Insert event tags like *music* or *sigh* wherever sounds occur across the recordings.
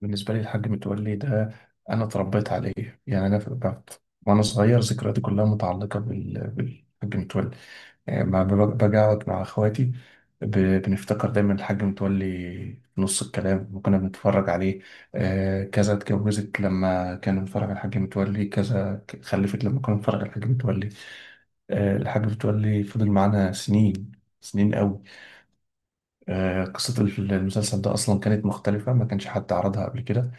بالنسبة لي الحاج متولي ده أنا اتربيت عليه. أنا في بعت وأنا صغير، ذكرياتي كلها متعلقة بالحاج متولي. يعني ما ب- باجي أقعد مع إخواتي، ب... بنفتكر دايما الحاج متولي في نص الكلام وكنا بنتفرج عليه. آه، كذا اتجوزت لما كان بنتفرج على الحاج متولي، كذا خلفت لما كنا بنتفرج على الحاج متولي. آه، الحاج متولي فضل معانا سنين، سنين قوي. آه، قصة المسلسل ده أصلا كانت مختلفة، ما كانش حد عرضها قبل كده.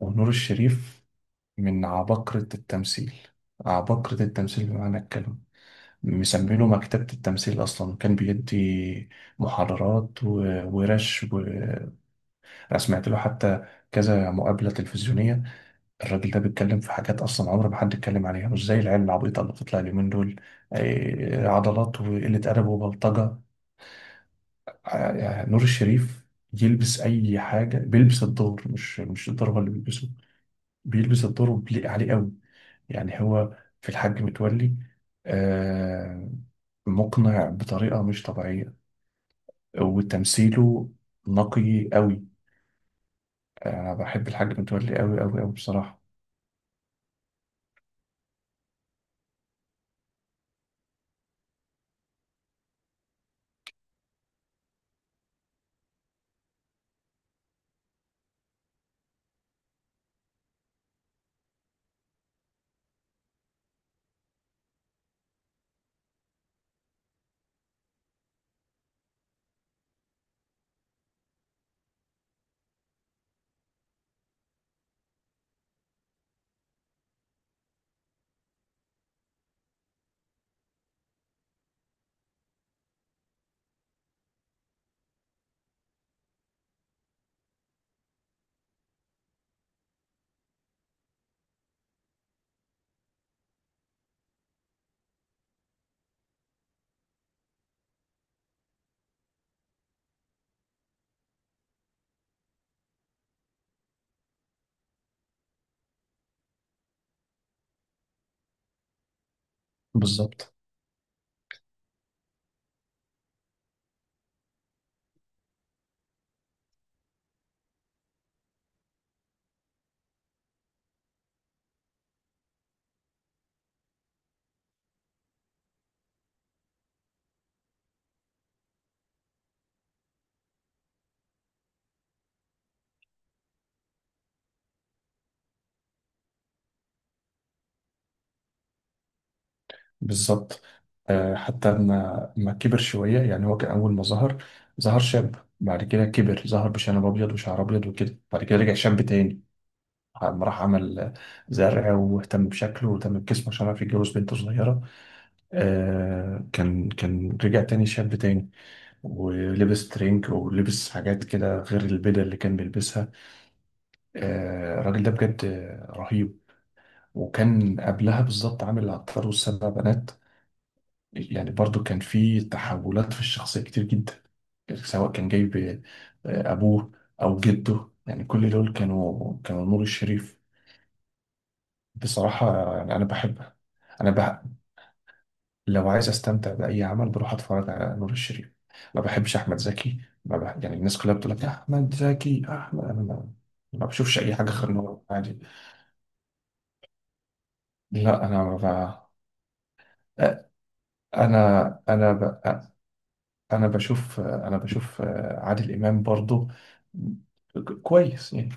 ونور الشريف من عباقرة التمثيل، عباقرة التمثيل بمعنى الكلمة. مسمينه مكتبة التمثيل. أصلا كان بيدي محاضرات ورش، وأنا سمعت له حتى كذا مقابلة تلفزيونية. الراجل ده بيتكلم في حاجات أصلا عمر ما حد اتكلم عليها، مش زي العيال العبيطة اللي بتطلع اليومين دول. آه، عضلات وقلة أدب وبلطجة. آه، يعني نور الشريف يلبس أي حاجة، بيلبس الدور، مش الدور هو اللي بيلبسه، بيلبس الدور وبيليق عليه قوي. يعني هو في الحاج متولي، آه، مقنع بطريقة مش طبيعية. وتمثيله نقي قوي. أنا بحب الحاج متولي قوي قوي قوي بصراحة. بالظبط. بالظبط. آه، حتى لما ما كبر شوية. يعني هو كان أول ما ظهر، ظهر شاب. بعد كده كبر، ظهر بشنب أبيض وشعر أبيض وكده. بعد كده رجع شاب تاني لما راح عمل زرع واهتم بشكله واهتم بجسمه عشان يعرف يتجوز بنت صغيرة. آه، كان رجع تاني شاب تاني ولبس ترنك ولبس حاجات كده غير البدل اللي كان بيلبسها. آه، الراجل ده بجد رهيب. وكان قبلها بالظبط عامل العطار والسبع بنات. يعني برضو كان في تحولات في الشخصية كتير جدا، سواء كان جايب آه، أبوه أو جده. يعني كل دول كانوا نور الشريف. بصراحة يعني أنا بحب. أنا بح لو عايز استمتع باي عمل، بروح اتفرج على نور الشريف. ما بحبش احمد زكي. ما بح... يعني الناس كلها بتقول لك احمد زكي احمد، انا ما, ما بشوفش اي حاجه غير نور، عادي. لا، انا ما ب... انا انا ب... انا بشوف انا بشوف عادل امام برضو كويس يعني.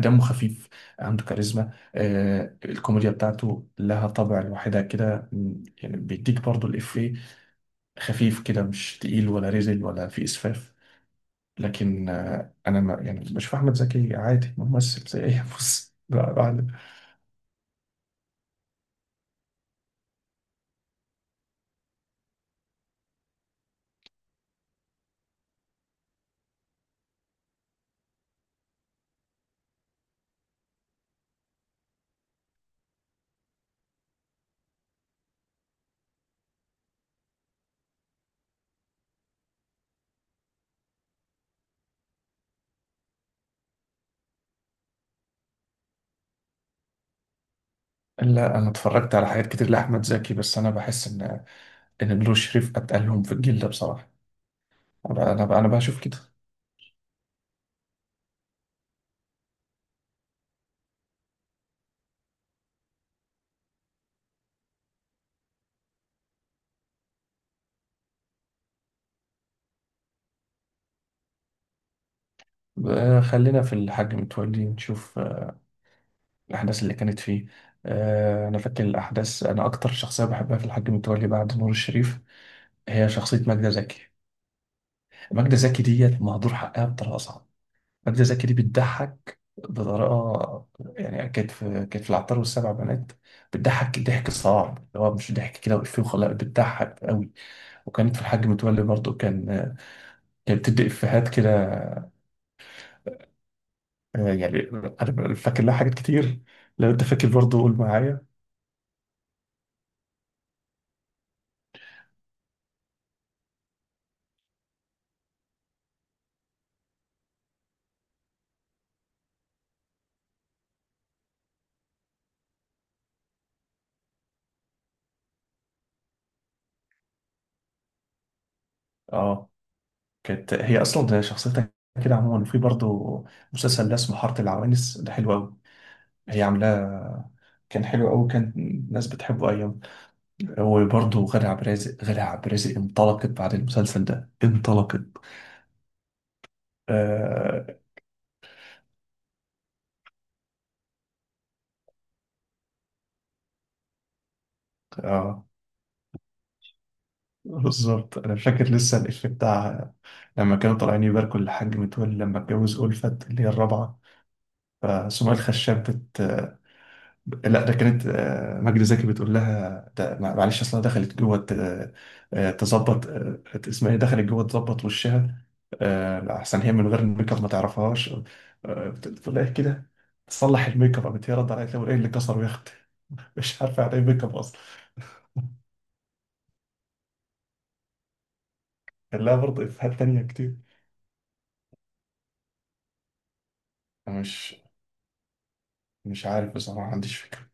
دمه خفيف، عنده كاريزما. آه، الكوميديا بتاعته لها طابع لوحدها كده. يعني بيديك برضو الإفيه، خفيف كده، مش تقيل ولا رزل ولا في إسفاف. لكن آه، انا ما يعني بشوف احمد زكي عادي، ممثل زي اي *laughs* بص. لا، انا اتفرجت على حاجات كتير لاحمد زكي، بس انا بحس ان نور شريف اتقلهم في الجيل ده بصراحه. انا انا أنا بشوف كده. آه، خلينا في الحاج متولي، نشوف آه، الاحداث اللي كانت فيه. آه، انا فاكر الاحداث. انا اكتر شخصيه بحبها في الحاج متولي بعد نور الشريف هي شخصيه ماجده زكي. ماجده زكي ديت مهدور حقها بطريقه صعبه. ماجدة زكي دي بتضحك بطريقة، يعني كانت في، كانت في العطار والسبع بنات بتضحك ضحك صعب اللي هو مش ضحك كده وإفيه وخلاص، بتضحك قوي. وكانت في الحاج متولي برضه كان، كانت بتدي إفيهات كده. آه، يعني أنا فاكر لها حاجات كتير. لو أنت فاكر برضه قول معايا. أه، كانت هي أصلا ده شخصيتها كده عموما. وفي برضه مسلسل ده اسمه حارة العوانس، ده حلو قوي، هي عاملاه. كان حلو قوي، كان الناس بتحبه أيام. وبرضه غادة عبد الرازق، غادة عبد الرازق انطلقت بعد المسلسل ده، انطلقت. آه. آه، بالظبط أنا فاكر لسه الإفيه بتاع لما كانوا طالعين يباركوا للحاج متولي لما اتجوز ألفت اللي هي الرابعة. فسمية الخشاب بت، لا ده كانت آه، مجدي زكي بتقول لها ده معلش اصلها دخلت جوه آه، تظبط، آه، اسمها ايه، دخلت جوه تظبط وشها. آه، احسن هي من غير الميك اب ما تعرفهاش. آه، بتقول لها إيه كده، تصلح الميك اب. قامت هي رد عليها تقول ايه اللي كسره يا اختي. *laughs* مش عارفه يعني ايه ميك اب اصلا. كان لها برضه افيهات تانية كتير. انا مش مش عارف بصراحه، ما عنديش فكره.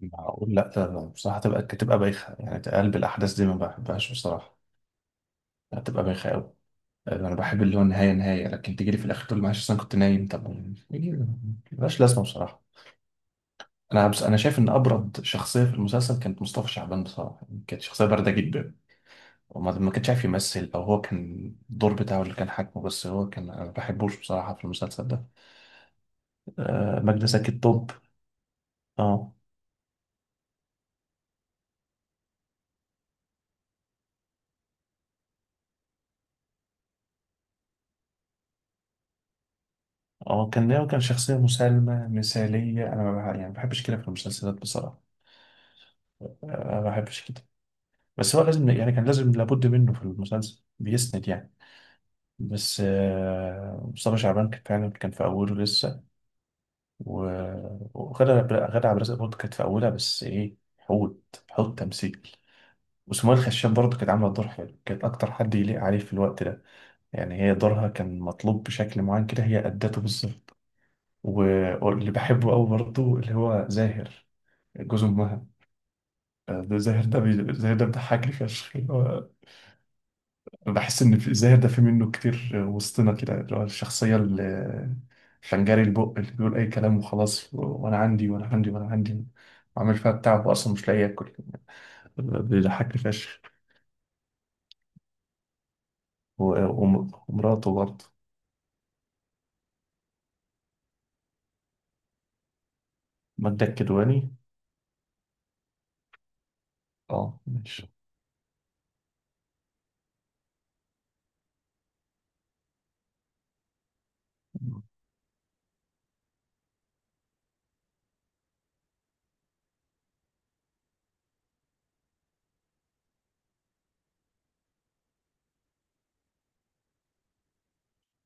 معقول؟ لا ده بصراحه تبقى، بايخه. يعني تقلب الاحداث دي ما بحبهاش بصراحه. هتبقى بايخه قوي. انا بحب اللي هو النهايه نهايه، لكن تجي لي في الاخر تقول لي معلش أصل انا كنت نايم؟ طب يعني ملهاش لازمه بصراحه. انا شايف ان ابرد شخصيه في المسلسل كانت مصطفى شعبان بصراحه. يعني كانت شخصيه بارده جدا، وما ما كانش عارف يمثل، او هو كان الدور بتاعه اللي كان حاكمه. بس هو كان، انا ما بحبوش بصراحه في المسلسل ده. آه، ماجدة زكي الطب. اه. اه، كان هو كان شخصيه مسالمه مثاليه، انا ما بح- يعني ما بحبش كده في المسلسلات بصراحه. آه، ما بحبش كده. بس هو لازم، يعني كان لازم لابد منه في المسلسل، بيسند يعني. بس آه، مصطفى شعبان كان فعلا كان في أوله لسه. و- وغادة، غادة عبد الرازق برضه كانت في أولها، بس إيه، حوت تمثيل. وسمية الخشاب برضه كانت عاملة دور حلو، كانت أكتر حد يليق عليه في الوقت ده. يعني هي دورها كان مطلوب بشكل معين كده، هي أدته بالظبط. واللي بحبه أوي برضه اللي هو زاهر، جوز أمها. آه، ده زاهر ده زاهر ده بيضحكني فشخ. بحس ان في الزاهر ده في منه كتير وسطنا كده، اللي هو الشخصيه اللي الفنجاري البق اللي بيقول اي كلام وخلاص، وانا عندي وانا عندي وانا عندي، وعامل فيها بتاع واصلا مش لاقي ياكل. بيضحكني فشخ. ومراته برضه، مدة الكدواني. اه، ماشي.